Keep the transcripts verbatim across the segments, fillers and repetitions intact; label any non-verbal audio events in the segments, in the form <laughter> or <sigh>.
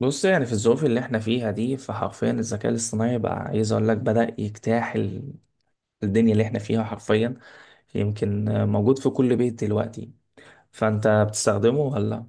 بص، يعني في الظروف اللي احنا فيها دي فحرفيا الذكاء الاصطناعي بقى، عايز اقول لك، بدأ يجتاح ال- الدنيا اللي احنا فيها حرفيا. يمكن موجود في كل بيت دلوقتي. فانت بتستخدمه ولا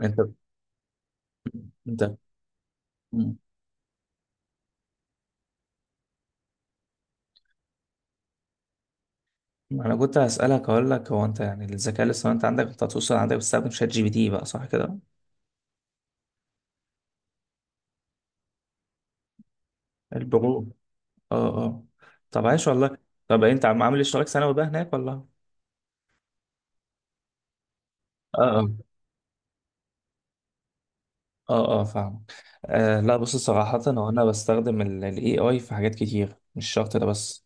انت انت انا كنت هسألك؟ اقول لك، هو انت يعني الذكاء الاصطناعي انت عندك، انت هتوصل، عندك بتستخدم شات جي بي تي بقى، صح كده؟ البرو. اه اه. طب عايش والله. طب انت عم عامل اشتراك سنوي بقى هناك ولا؟ اه اه. اه اه، فاهم. آه لا، بص صراحة، هو انا بستخدم الاي اي في حاجات كتير، مش شرط ده بس.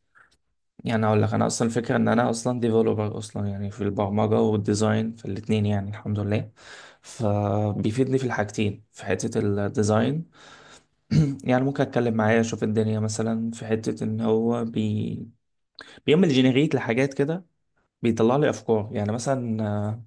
يعني اقول لك، انا اصلا الفكرة ان انا اصلا ديفلوبر اصلا، يعني في البرمجة والديزاين في الاتنين، يعني الحمد لله. فبيفيدني في الحاجتين. في حتة الديزاين <clears throat> يعني ممكن اتكلم معاه اشوف الدنيا، مثلا في حتة ان هو بي... بيعمل جنريت لحاجات كده. بيطلع لي افكار يعني مثلا.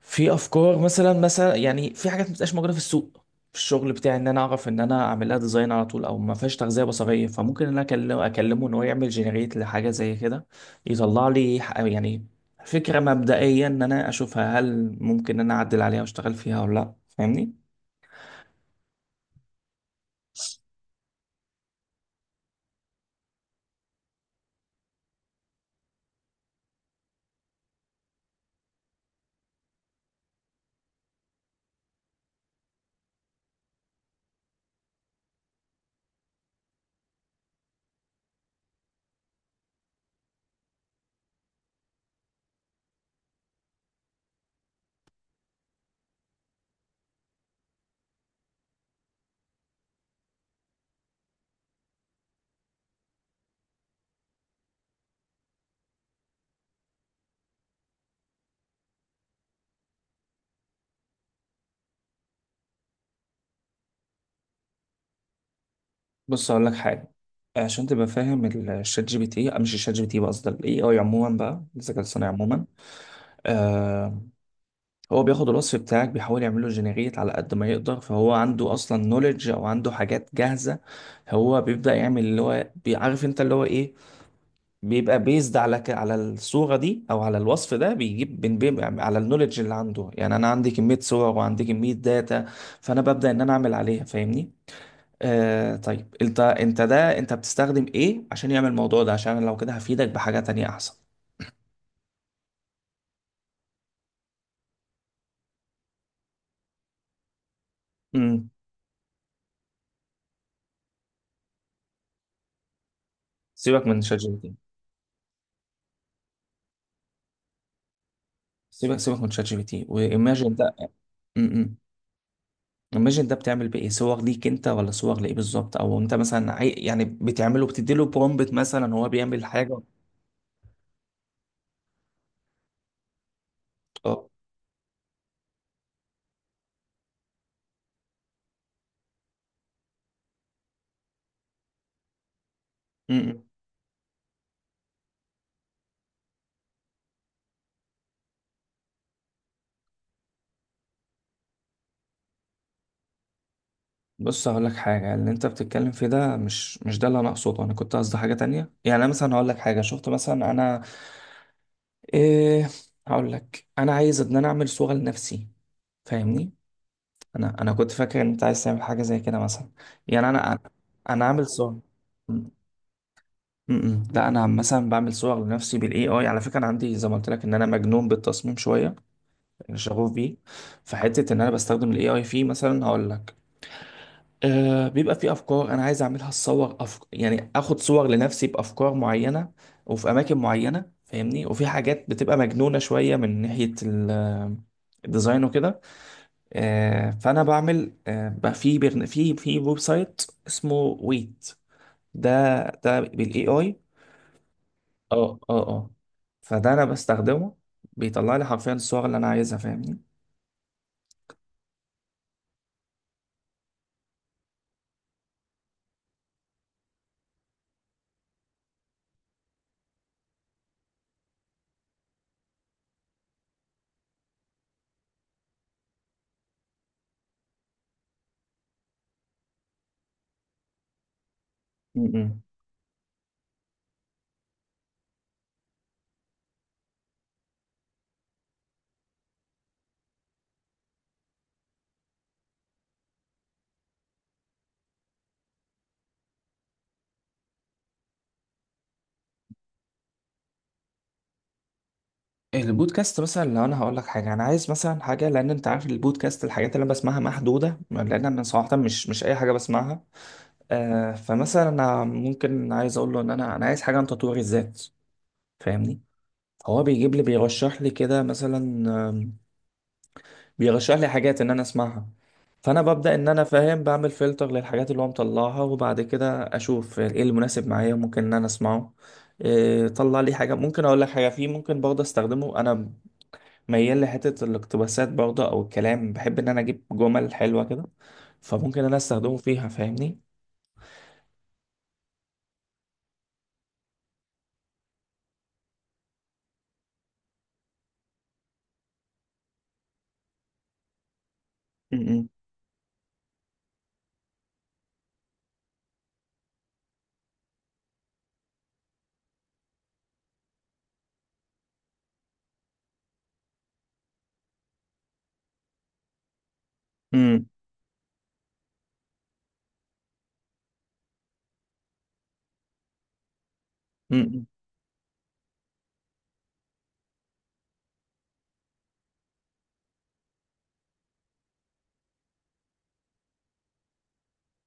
في افكار مثلا مثلا يعني، في حاجات ما بتبقاش موجوده في السوق في الشغل بتاعي، ان انا اعرف ان انا اعمل لها ديزاين على طول، او ما فيهاش تغذيه بصريه، فممكن ان انا اكلمه اكلمه ان هو يعمل جنريت لحاجه زي كده. يطلع لي ح- يعني فكره مبدئيه ان انا اشوفها، هل ممكن ان انا اعدل عليها واشتغل فيها ولا لا، فاهمني؟ بص اقول لك حاجه عشان تبقى فاهم. الشات جي بي تي، مش الشات جي بي تي بقى، قصدي الاي اي عموما بقى، الذكاء الصناعي عموما. آه، هو بياخد الوصف بتاعك بيحاول يعمله جنريت على قد ما يقدر، فهو عنده اصلا نوليدج او عنده حاجات جاهزه. هو بيبدا يعمل اللي هو بيعرف انت اللي هو ايه. بيبقى بيزد على ك... على الصوره دي او على الوصف ده، بيجيب بين بين على النوليدج اللي عنده. يعني انا عندي كميه صور وعندي كميه داتا، فانا ببدا ان انا اعمل عليها، فاهمني؟ آه طيب انت انت ده انت بتستخدم ايه عشان يعمل الموضوع ده؟ عشان لو كده هفيدك بحاجه تانية احسن. امم سيبك من شات جي بي تي. سيبك سيبك من شات جي بي تي وايماجن ده. امم الماجن ده بتعمل بيه ايه، صور ليك انت ولا صور لايه بالظبط؟ او انت مثلا عاي... يعني بتعمله، بتديله برومبت مثلا هو بيعمل حاجه. اه. م-م. بص هقول لك حاجه، اللي انت بتتكلم فيه ده مش مش ده اللي انا اقصده. انا كنت قصدي حاجه تانية. يعني انا مثلا هقول لك حاجه، شفت مثلا انا ايه. هقول لك انا عايز ان انا اعمل صوره لنفسي، فاهمني؟ انا انا كنت فاكر ان انت عايز تعمل حاجه زي كده مثلا. يعني انا انا أنا عامل صوره. م-م. لا انا مثلا بعمل صور لنفسي بالاي اي، على فكره انا عندي زي ما قلت لك ان انا مجنون بالتصميم شويه، انا شغوف بيه. فحته ان انا بستخدم الاي اي فيه، مثلا هقول لك، آه بيبقى في افكار انا عايز اعملها الصور، أف... يعني اخد صور لنفسي بافكار معينه وفي اماكن معينه فاهمني، وفي حاجات بتبقى مجنونه شويه من ناحيه ال- الديزاين وكده. آه فانا بعمل، آه بقى في برن... في في ويب سايت اسمه ويت ده، ده بالاي اي. اه اه اه. فده انا بستخدمه، بيطلع لي حرفيا الصور اللي انا عايزها، فاهمني؟ م-م. البودكاست مثلا، لو انا هقول لك حاجه، انا عايز مثلا حاجه، لان انت عارف البودكاست الحاجات اللي انا بسمعها محدوده، لان انا صراحه مش مش اي حاجه بسمعها. آه فمثلا انا ممكن عايز اقول له ان انا انا عايز حاجه عن تطوير الذات، فاهمني؟ هو بيجيب لي، بيرشح لي كده مثلا، بيرشح لي حاجات ان انا اسمعها. فانا ببدا ان انا فاهم، بعمل فلتر للحاجات اللي هو مطلعها، وبعد كده اشوف ايه المناسب معايا ممكن ان انا اسمعه. إيه، طلع لي حاجه. ممكن اقول لك حاجه فيه، ممكن برضه استخدمه، انا ميال لحته الاقتباسات برضه او الكلام، بحب ان انا اجيب جمل حلوه كده، فممكن إن انا استخدمه فيها، فاهمني؟ امم، امم، امم.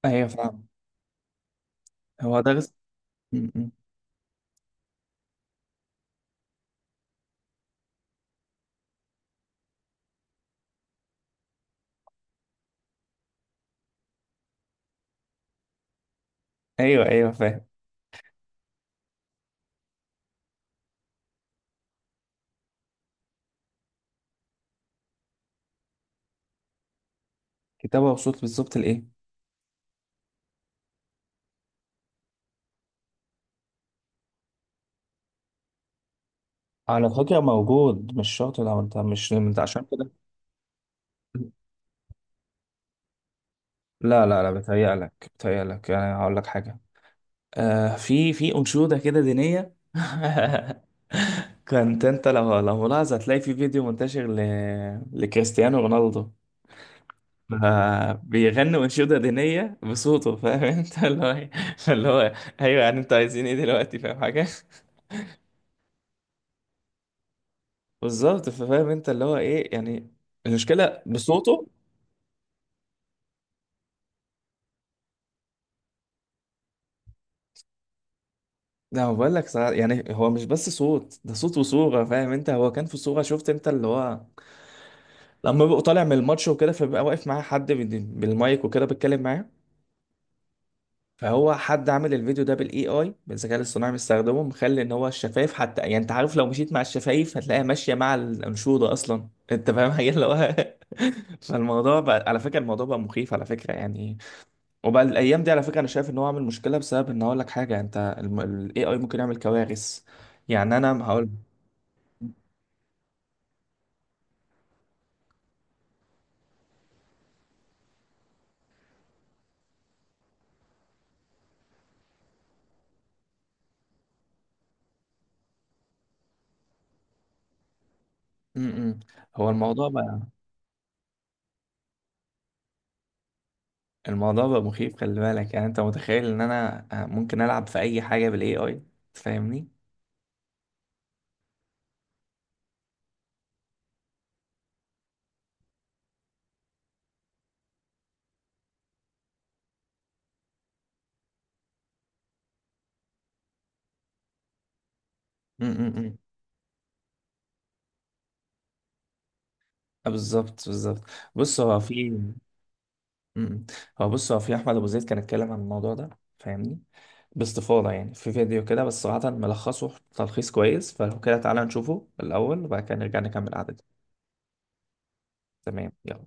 ايوه فاهم. هو ده رس- م- م. ايوه ايوه فاهم. كتابه وصوت، بالظبط لايه. على فكره موجود، مش شرط. لو انت مش انت عشان كده. لا لا لا، بتهيألك بتهيألك، يعني هقول لك حاجة. آه في في أنشودة كده دينية <laughs> كنت أنت لو لو ملاحظ، هتلاقي في فيديو منتشر ل... لكريستيانو رونالدو. آه بيغني أنشودة دينية بصوته، فاهم أنت <laughs> اللي هو إيه؟ اللي هو أيوه، يعني أنتوا عايزين إيه دلوقتي، فاهم حاجة. بالظبط، فاهم أنت اللي هو إيه يعني. المشكلة بصوته. لا هو بقول لك صراحة، يعني هو مش بس صوت، ده صوت وصورة، فاهم أنت. هو كان في صورة شفت أنت اللي هو، لما ببقى طالع من الماتش وكده، فبيبقى واقف معاه حد من- بالمايك وكده بتكلم معاه. فهو حد عامل الفيديو ده بالاي اي، بالذكاء الاصطناعي مستخدمه، مخلي ان هو الشفايف حتى، يعني انت عارف لو مشيت مع الشفايف هتلاقيها ماشيه مع الانشوده اصلا <laughs> انت فاهم حاجه اللي هو <laughs> فالموضوع بقى على فكره، الموضوع بقى مخيف على فكره يعني. وبقى الايام دي على فكره انا شايف ان هو عامل مشكله، بسبب ان اقول لك حاجه انت، الاي اي ممكن يعمل كوارث. يعني انا هقول. م- م. هو الموضوع بقى الموضوع بقى مخيف، خلي بالك، يعني انت متخيل ان انا آه، ممكن العب في اي حاجه بالاي اي، تفهمني؟ امم. بالظبط بالظبط. بص هو في. م-م. هو بص، هو في احمد ابو زيد كان اتكلم عن الموضوع ده، فاهمني؟ باستفاضه يعني، في فيديو كده، بس صراحه ملخصه تلخيص كويس، فلو كده تعالى نشوفه الاول وبعد كده نرجع نكمل قعدتنا. تمام يلا.